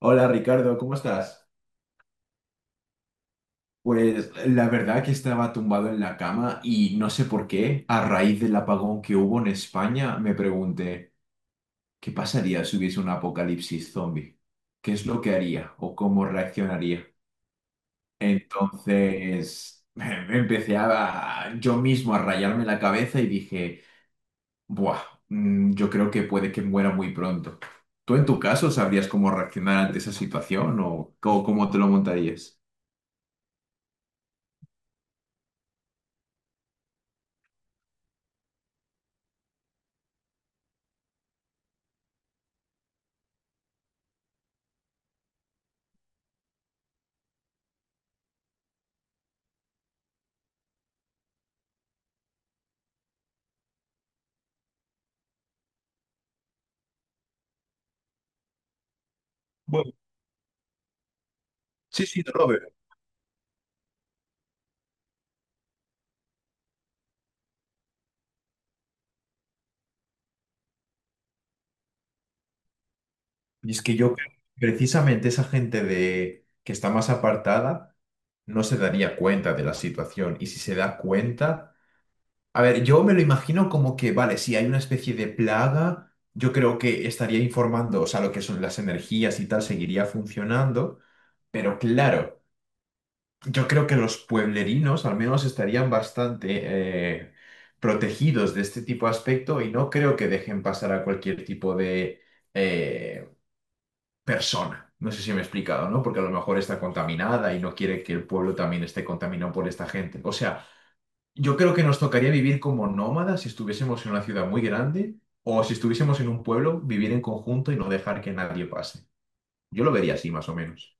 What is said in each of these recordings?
Hola Ricardo, ¿cómo estás? Pues la verdad que estaba tumbado en la cama y no sé por qué, a raíz del apagón que hubo en España, me pregunté, ¿qué pasaría si hubiese un apocalipsis zombie? ¿Qué es lo que haría o cómo reaccionaría? Entonces, me empecé a yo mismo a rayarme la cabeza y dije, buah, yo creo que puede que muera muy pronto. ¿Tú en tu caso sabrías cómo reaccionar ante esa situación o cómo te lo montarías? Bueno, sí, sí, no, no. Y es que yo creo que precisamente esa gente de que está más apartada no se daría cuenta de la situación. Y si se da cuenta, a ver, yo me lo imagino como que, vale, si hay una especie de plaga, yo creo que estaría informando, o sea, lo que son las energías y tal, seguiría funcionando. Pero claro, yo creo que los pueblerinos al menos estarían bastante eh, protegidos de este tipo de aspecto y no creo que dejen pasar a cualquier tipo de... eh, persona. No sé si me he explicado, ¿no? Porque a lo mejor está contaminada y no quiere que el pueblo también esté contaminado por esta gente. O sea, yo creo que nos tocaría vivir como nómadas si estuviésemos en una ciudad muy grande o si estuviésemos en un pueblo, vivir en conjunto y no dejar que nadie pase. Yo lo vería así, más o menos.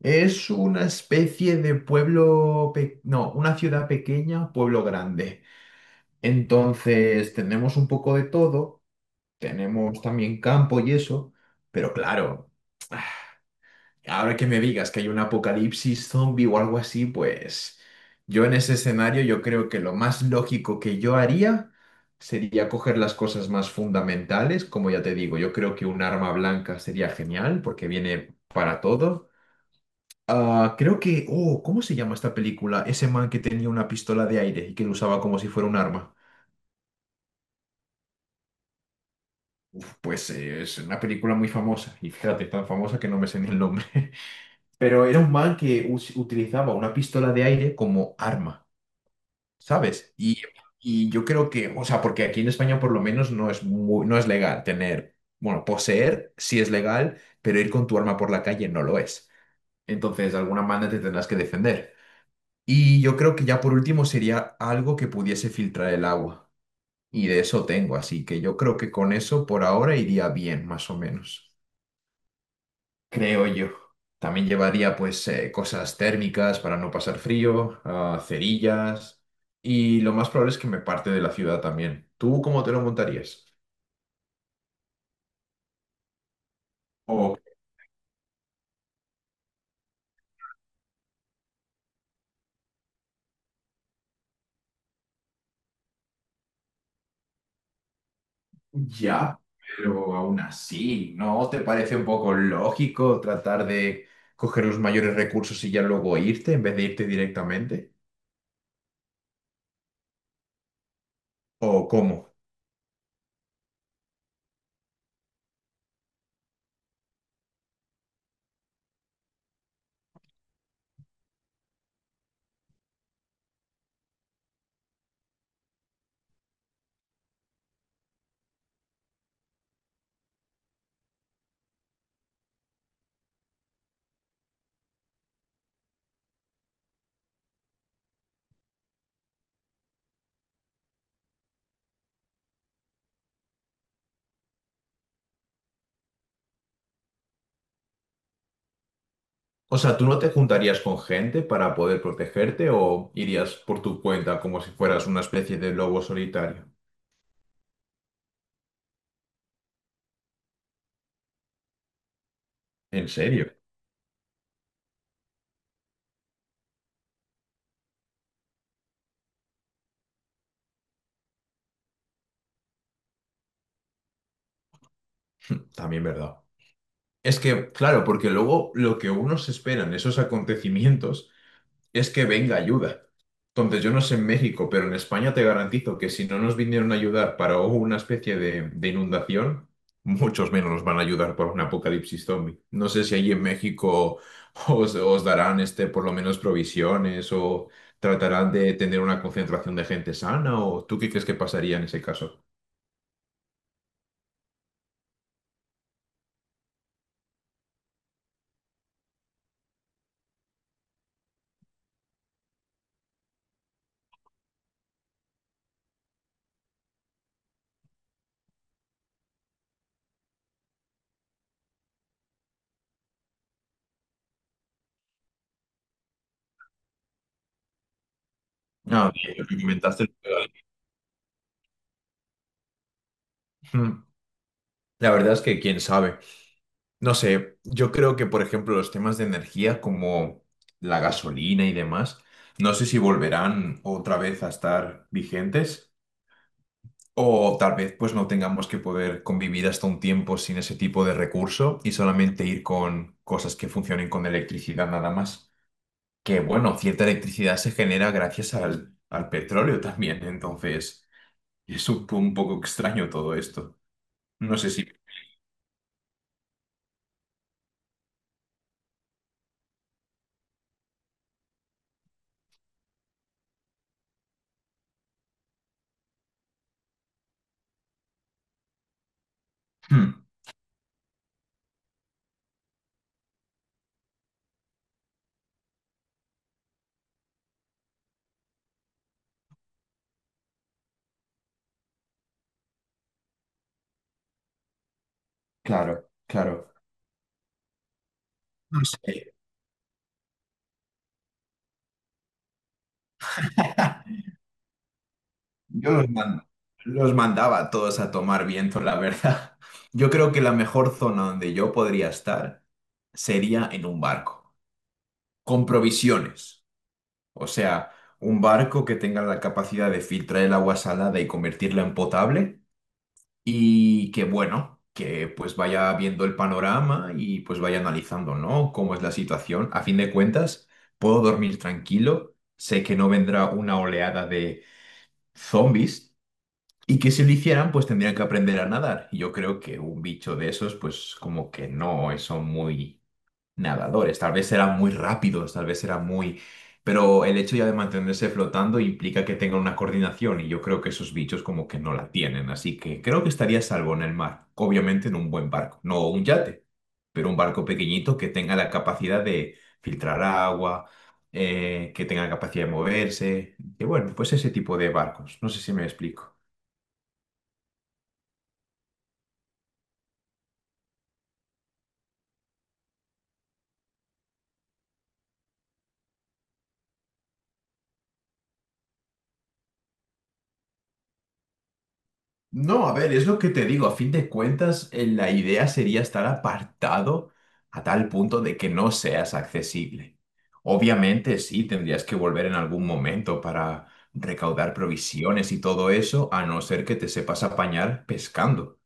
Es una especie de pueblo, no, una ciudad pequeña, pueblo grande. Entonces, tenemos un poco de todo, tenemos también campo y eso, pero claro. Ahora que me digas que hay un apocalipsis zombie o algo así, pues yo en ese escenario yo creo que lo más lógico que yo haría sería coger las cosas más fundamentales, como ya te digo, yo creo que un arma blanca sería genial porque viene para todo. Ah, creo que, oh, ¿cómo se llama esta película? Ese man que tenía una pistola de aire y que lo usaba como si fuera un arma. Uf, pues es una película muy famosa y fíjate, tan famosa que no me sé ni el nombre. Pero era un man que utilizaba una pistola de aire como arma, ¿sabes? Y yo creo que, o sea, porque aquí en España por lo menos no es legal tener, bueno, poseer sí es legal, pero ir con tu arma por la calle no lo es. Entonces, de alguna manera te tendrás que defender. Y yo creo que ya por último sería algo que pudiese filtrar el agua. Y de eso tengo, así que yo creo que con eso por ahora iría bien, más o menos. Creo yo. También llevaría pues cosas térmicas para no pasar frío, ah, cerillas y lo más probable es que me parte de la ciudad también. ¿Tú cómo te lo montarías? Oh, ya, pero aún así, ¿no te parece un poco lógico tratar de coger los mayores recursos y ya luego irte en vez de irte directamente? ¿O cómo? O sea, ¿tú no te juntarías con gente para poder protegerte o irías por tu cuenta como si fueras una especie de lobo solitario? ¿En serio? También verdad. Es que, claro, porque luego lo que unos esperan en esos acontecimientos es que venga ayuda. Entonces, yo no sé en México, pero en España te garantizo que si no nos vinieron a ayudar para una especie de inundación, muchos menos nos van a ayudar para un apocalipsis zombie. No sé si allí en México os darán este, por lo menos provisiones o tratarán de tener una concentración de gente sana o ¿tú qué crees que pasaría en ese caso? Ah, bien, lo que comentaste. Mm. La verdad es que quién sabe. No sé, yo creo que, por ejemplo, los temas de energía como la gasolina y demás, no sé si volverán otra vez a estar vigentes o tal vez pues no tengamos que poder convivir hasta un tiempo sin ese tipo de recurso y solamente ir con cosas que funcionen con electricidad nada más. Que bueno, cierta electricidad se genera gracias al petróleo también, entonces es un poco extraño todo esto. No sé si... Hmm. Claro, claro. No sé. Yo los, man- los mandaba a todos a tomar viento, la verdad. Yo creo que la mejor zona donde yo podría estar sería en un barco, con provisiones. O sea, un barco que tenga la capacidad de filtrar el agua salada y convertirla en potable y que, bueno, que pues vaya viendo el panorama y pues vaya analizando, ¿no? Cómo es la situación. A fin de cuentas, puedo dormir tranquilo, sé que no vendrá una oleada de zombies y que si lo hicieran, pues tendrían que aprender a nadar. Y yo creo que un bicho de esos, pues como que no son muy nadadores. Tal vez eran muy rápidos, tal vez eran muy... Pero el hecho ya de mantenerse flotando implica que tengan una coordinación y yo creo que esos bichos como que no la tienen. Así que creo que estaría a salvo en el mar. Obviamente en un buen barco, no un yate, pero un barco pequeñito que tenga la capacidad de filtrar agua, que tenga capacidad de moverse. Y bueno, pues ese tipo de barcos. No sé si me explico. No, a ver, es lo que te digo. A fin de cuentas, la idea sería estar apartado a tal punto de que no seas accesible. Obviamente, sí, tendrías que volver en algún momento para recaudar provisiones y todo eso, a no ser que te sepas apañar pescando.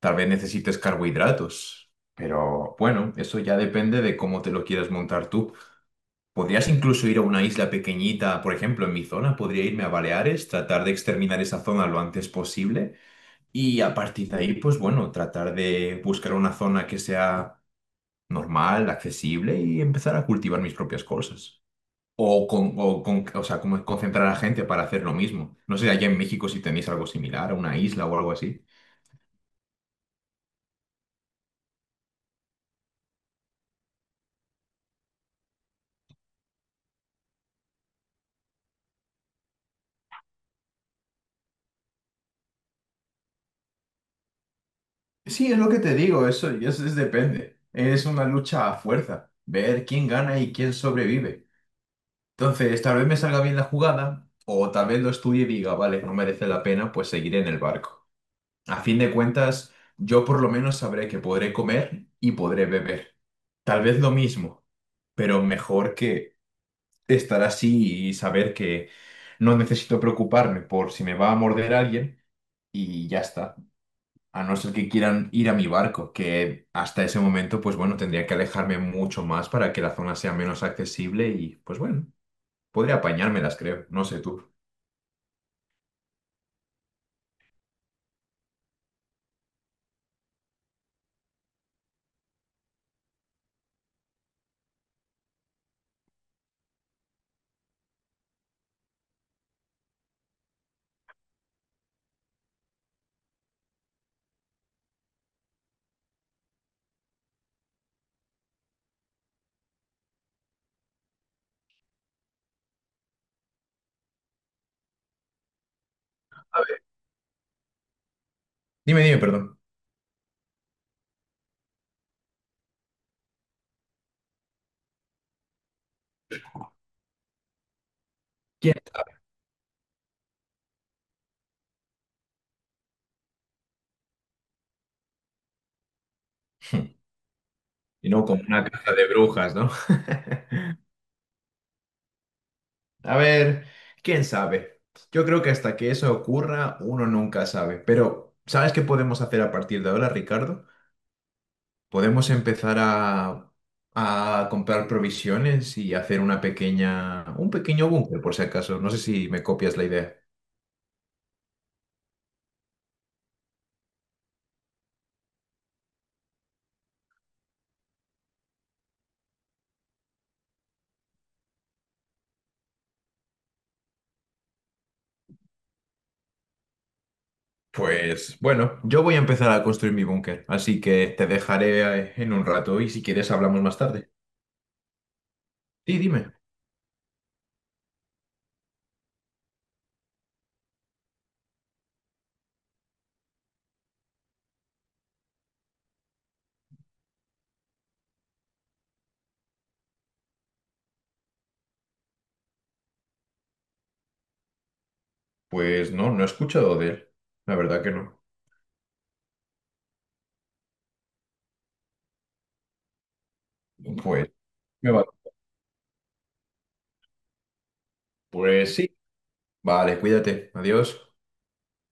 Tal vez necesites carbohidratos, pero bueno, eso ya depende de cómo te lo quieras montar tú. Podrías incluso ir a una isla pequeñita, por ejemplo, en mi zona, podría irme a Baleares, tratar de exterminar esa zona lo antes posible y a partir de ahí, pues bueno, tratar de buscar una zona que sea normal, accesible y empezar a cultivar mis propias cosas. O sea, como concentrar a la gente para hacer lo mismo. No sé, allá en México si tenéis algo similar, una isla o algo así. Sí, es lo que te digo, eso es, depende. Es una lucha a fuerza, ver quién gana y quién sobrevive. Entonces, tal vez me salga bien la jugada, o tal vez lo estudie y diga, vale, no merece la pena, pues seguiré en el barco. A fin de cuentas, yo por lo menos sabré que podré comer y podré beber. Tal vez lo mismo, pero mejor que estar así y saber que no necesito preocuparme por si me va a morder alguien y ya está. A no ser que quieran ir a mi barco, que hasta ese momento, pues bueno, tendría que alejarme mucho más para que la zona sea menos accesible y, pues bueno, podría apañármelas, creo. No sé tú. Dime, dime, perdón. ¿Quién? Y no como una caja de brujas, ¿no? A ver, quién sabe. Yo creo que hasta que eso ocurra, uno nunca sabe. Pero, ¿sabes qué podemos hacer a partir de ahora, Ricardo? Podemos empezar a comprar provisiones y hacer un pequeño búnker, por si acaso. No sé si me copias la idea. Pues bueno, yo voy a empezar a construir mi búnker, así que te dejaré en un rato y si quieres hablamos más tarde. Sí, dime. Pues no, no he escuchado de él. La verdad que no. Pues, me va. Pues sí. Vale, cuídate. Adiós.